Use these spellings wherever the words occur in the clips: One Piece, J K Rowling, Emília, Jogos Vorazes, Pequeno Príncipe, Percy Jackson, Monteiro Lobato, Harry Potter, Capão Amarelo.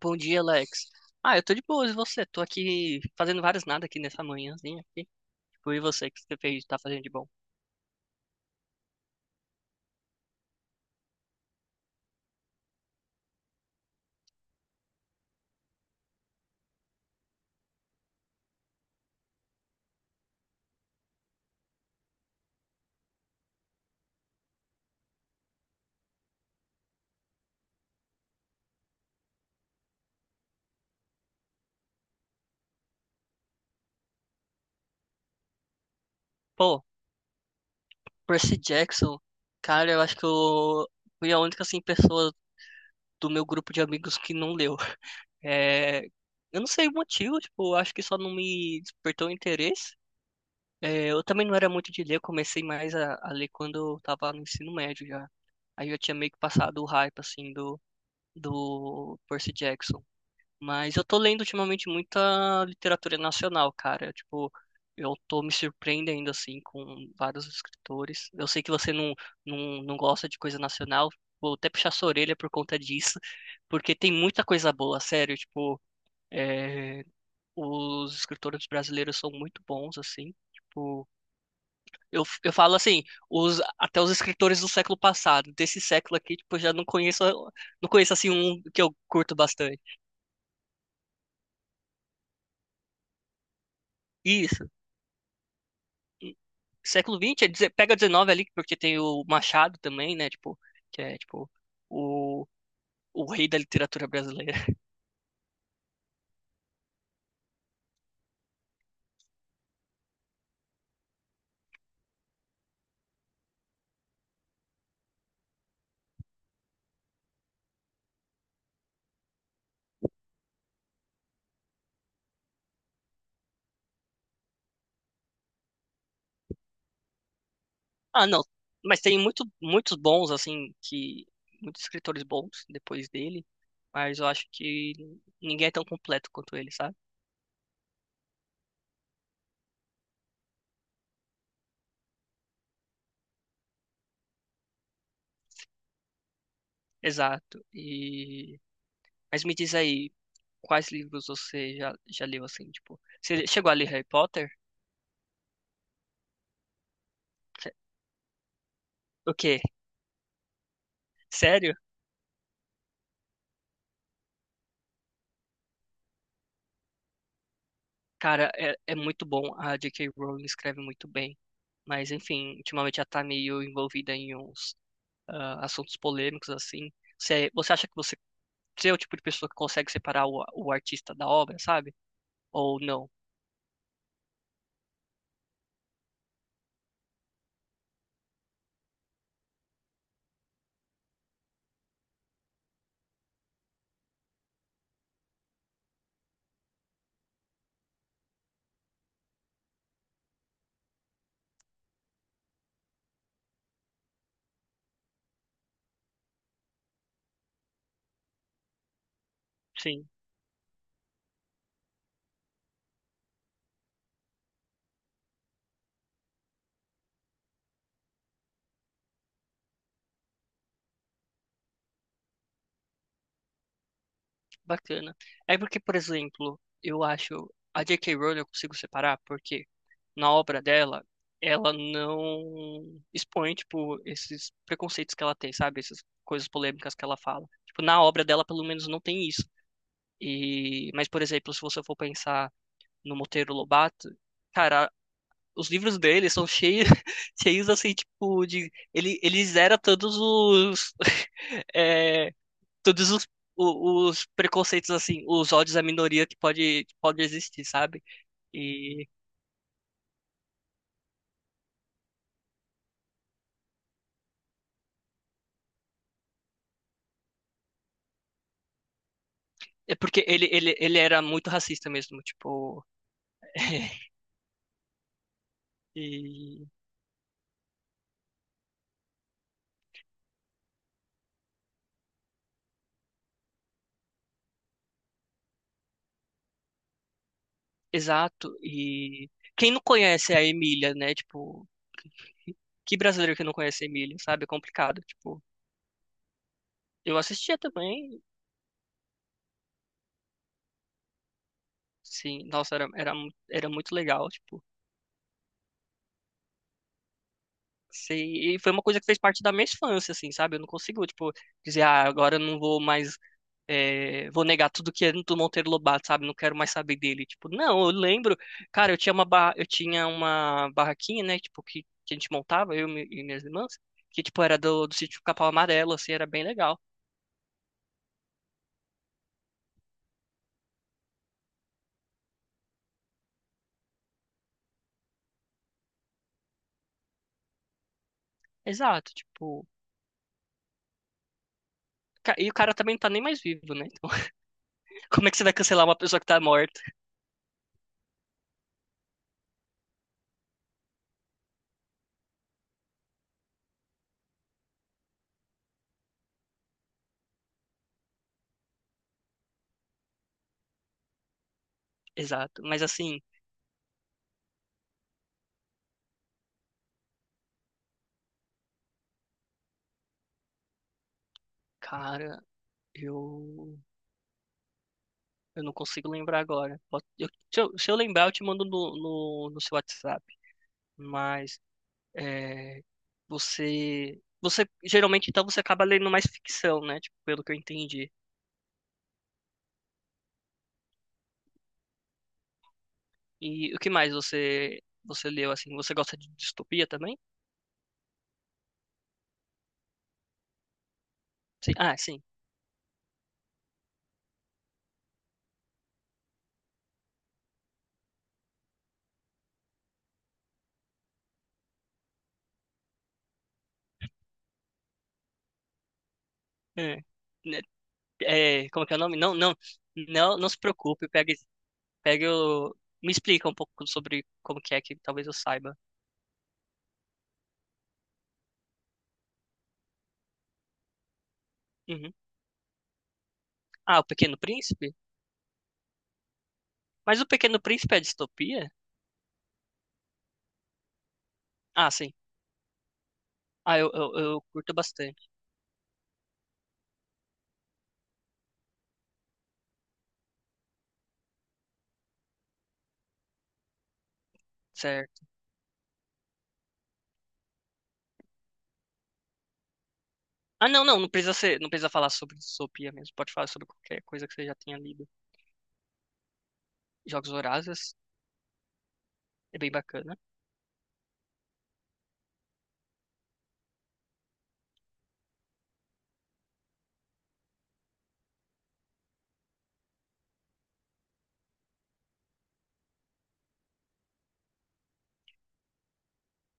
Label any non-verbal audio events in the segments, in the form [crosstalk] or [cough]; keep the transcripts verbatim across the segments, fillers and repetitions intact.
Bom dia, Alex. Ah, eu tô de boas, e você? Tô aqui fazendo vários nada aqui nessa manhãzinha aqui. Tipo, e você, o que você fez, tá fazendo de bom? Pô, Percy Jackson, cara, eu acho que eu fui a única, assim, pessoa do meu grupo de amigos que não leu. [laughs] É, eu não sei o motivo, tipo, eu acho que só não me despertou interesse. É, eu também não era muito de ler, eu comecei mais a, a ler quando eu tava no ensino médio já. Aí eu tinha meio que passado o hype, assim, do, do Percy Jackson. Mas eu tô lendo ultimamente muita literatura nacional, cara. Tipo, eu tô me surpreendendo, assim, com vários escritores. Eu sei que você não, não, não gosta de coisa nacional. Vou até puxar sua orelha por conta disso, [laughs] porque tem muita coisa boa, sério. Tipo, é, os escritores brasileiros são muito bons, assim. Tipo, eu, eu falo assim, os, até os escritores do século passado, desse século aqui, tipo, eu já não conheço, não conheço assim um que eu curto bastante. Isso. Século vinte, é deze- pega dezenove ali, porque tem o Machado também, né? Tipo, que é tipo o, o rei da literatura brasileira. [laughs] Ah, não. Mas tem muito, muitos bons, assim, que. Muitos escritores bons depois dele. Mas eu acho que ninguém é tão completo quanto ele, sabe? Exato. E. Mas me diz aí, quais livros você já, já leu, assim, tipo. Você chegou a ler Harry Potter? O quê? Sério? Cara, é, é muito bom. A J K Rowling escreve muito bem. Mas, enfim, ultimamente ela tá meio envolvida em uns ah, assuntos polêmicos, assim. Você, você acha que você, você é o tipo de pessoa que consegue separar o, o artista da obra, sabe? Ou não? Sim, bacana. É porque, por exemplo, eu acho a J K Rowling eu consigo separar porque na obra dela, ela não expõe, tipo, esses preconceitos que ela tem, sabe? Essas coisas polêmicas que ela fala. Tipo, na obra dela, pelo menos, não tem isso. E, mas, por exemplo, se você for pensar no Monteiro Lobato, cara, os livros dele são cheios, [laughs] cheios assim, tipo, de. Ele, ele zera todos os. [laughs] é, todos os, o- os preconceitos, assim, os ódios à minoria que pode, que pode existir, sabe? E. É porque ele, ele, ele era muito racista mesmo, tipo. [laughs] E, exato. E quem não conhece a Emília, né? Tipo, que brasileiro que não conhece a Emília, sabe? É complicado. Tipo, eu assistia também. Sim, nossa, era, era, mu- era muito legal, tipo, sei, e foi uma coisa que fez parte da minha infância, assim, sabe? Eu não consigo, tipo, dizer, ah, agora eu não vou mais, é, vou negar tudo que é do Monteiro Lobato, sabe? Não quero mais saber dele, tipo, não, eu lembro, cara, eu tinha uma, barra, eu tinha uma barraquinha, né, tipo, que, que a gente montava, eu e mi- e minhas irmãs, que, tipo, era do, do sítio Capão Amarelo, assim, era bem legal. Exato, tipo, ca- e o cara também não tá nem mais vivo, né? Então, [laughs] como é que você vai cancelar uma pessoa que tá morta? Exato, mas assim... Cara, Eu, eu não consigo lembrar agora. Pode- eu- se eu, se eu lembrar, eu te mando no, no, no seu WhatsApp. Mas é, você, você geralmente então você acaba lendo mais ficção, né? Tipo, pelo que eu entendi. E o que mais você você leu assim? Você gosta de distopia também? Sim. Ah, sim. É, né, é, como que é o nome? Não, não, não, não se preocupe. Pegue, pegue o, me explica um pouco sobre como que é que talvez eu saiba. Uhum. Ah, o Pequeno Príncipe? Mas o Pequeno Príncipe é distopia? Ah, sim. Ah, eu, eu, eu curto bastante. Certo. Ah, não, não, não precisa ser, não precisa falar sobre distopia mesmo. Pode falar sobre qualquer coisa que você já tenha lido. Jogos Vorazes é bem bacana.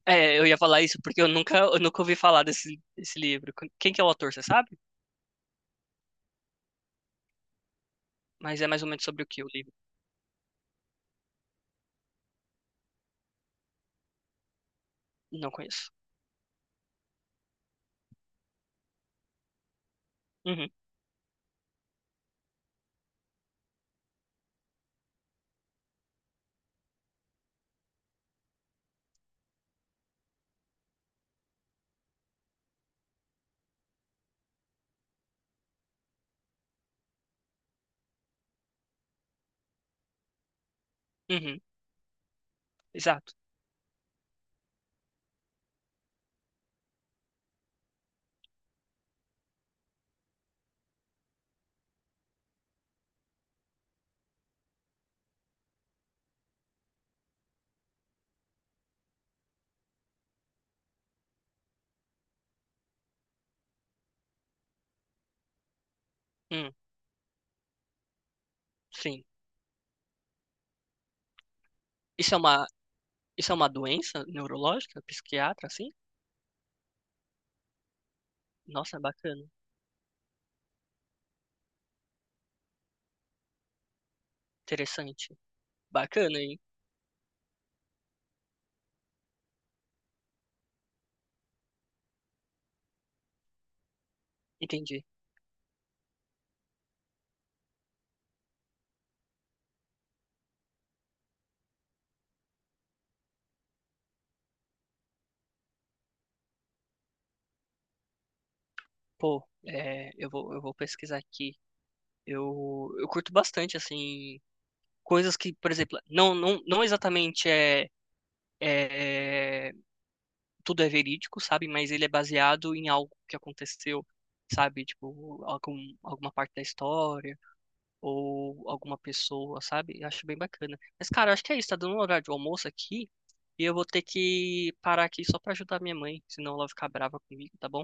É, eu ia falar isso porque eu nunca, eu nunca ouvi falar desse, desse livro. Quem que é o autor, você sabe? Mas é mais ou menos sobre o que o livro. Não conheço. Uhum, uhum, exato. Hum, sim. Isso é uma, isso é uma doença neurológica, psiquiatra, assim? Nossa, bacana. Interessante. Bacana, hein? Entendi. Pô, é, eu vou, eu vou pesquisar aqui. Eu, eu curto bastante, assim, coisas que, por exemplo, não, não, não exatamente é, é. é, tudo é verídico, sabe? Mas ele é baseado em algo que aconteceu, sabe? Tipo, algum, alguma parte da história ou alguma pessoa, sabe? Eu acho bem bacana. Mas, cara, eu acho que é isso. Tá dando um horário de almoço aqui e eu vou ter que parar aqui só pra ajudar minha mãe, senão ela vai ficar brava comigo, tá bom?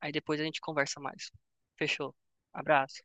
Aí depois a gente conversa mais. Fechou. Abraço.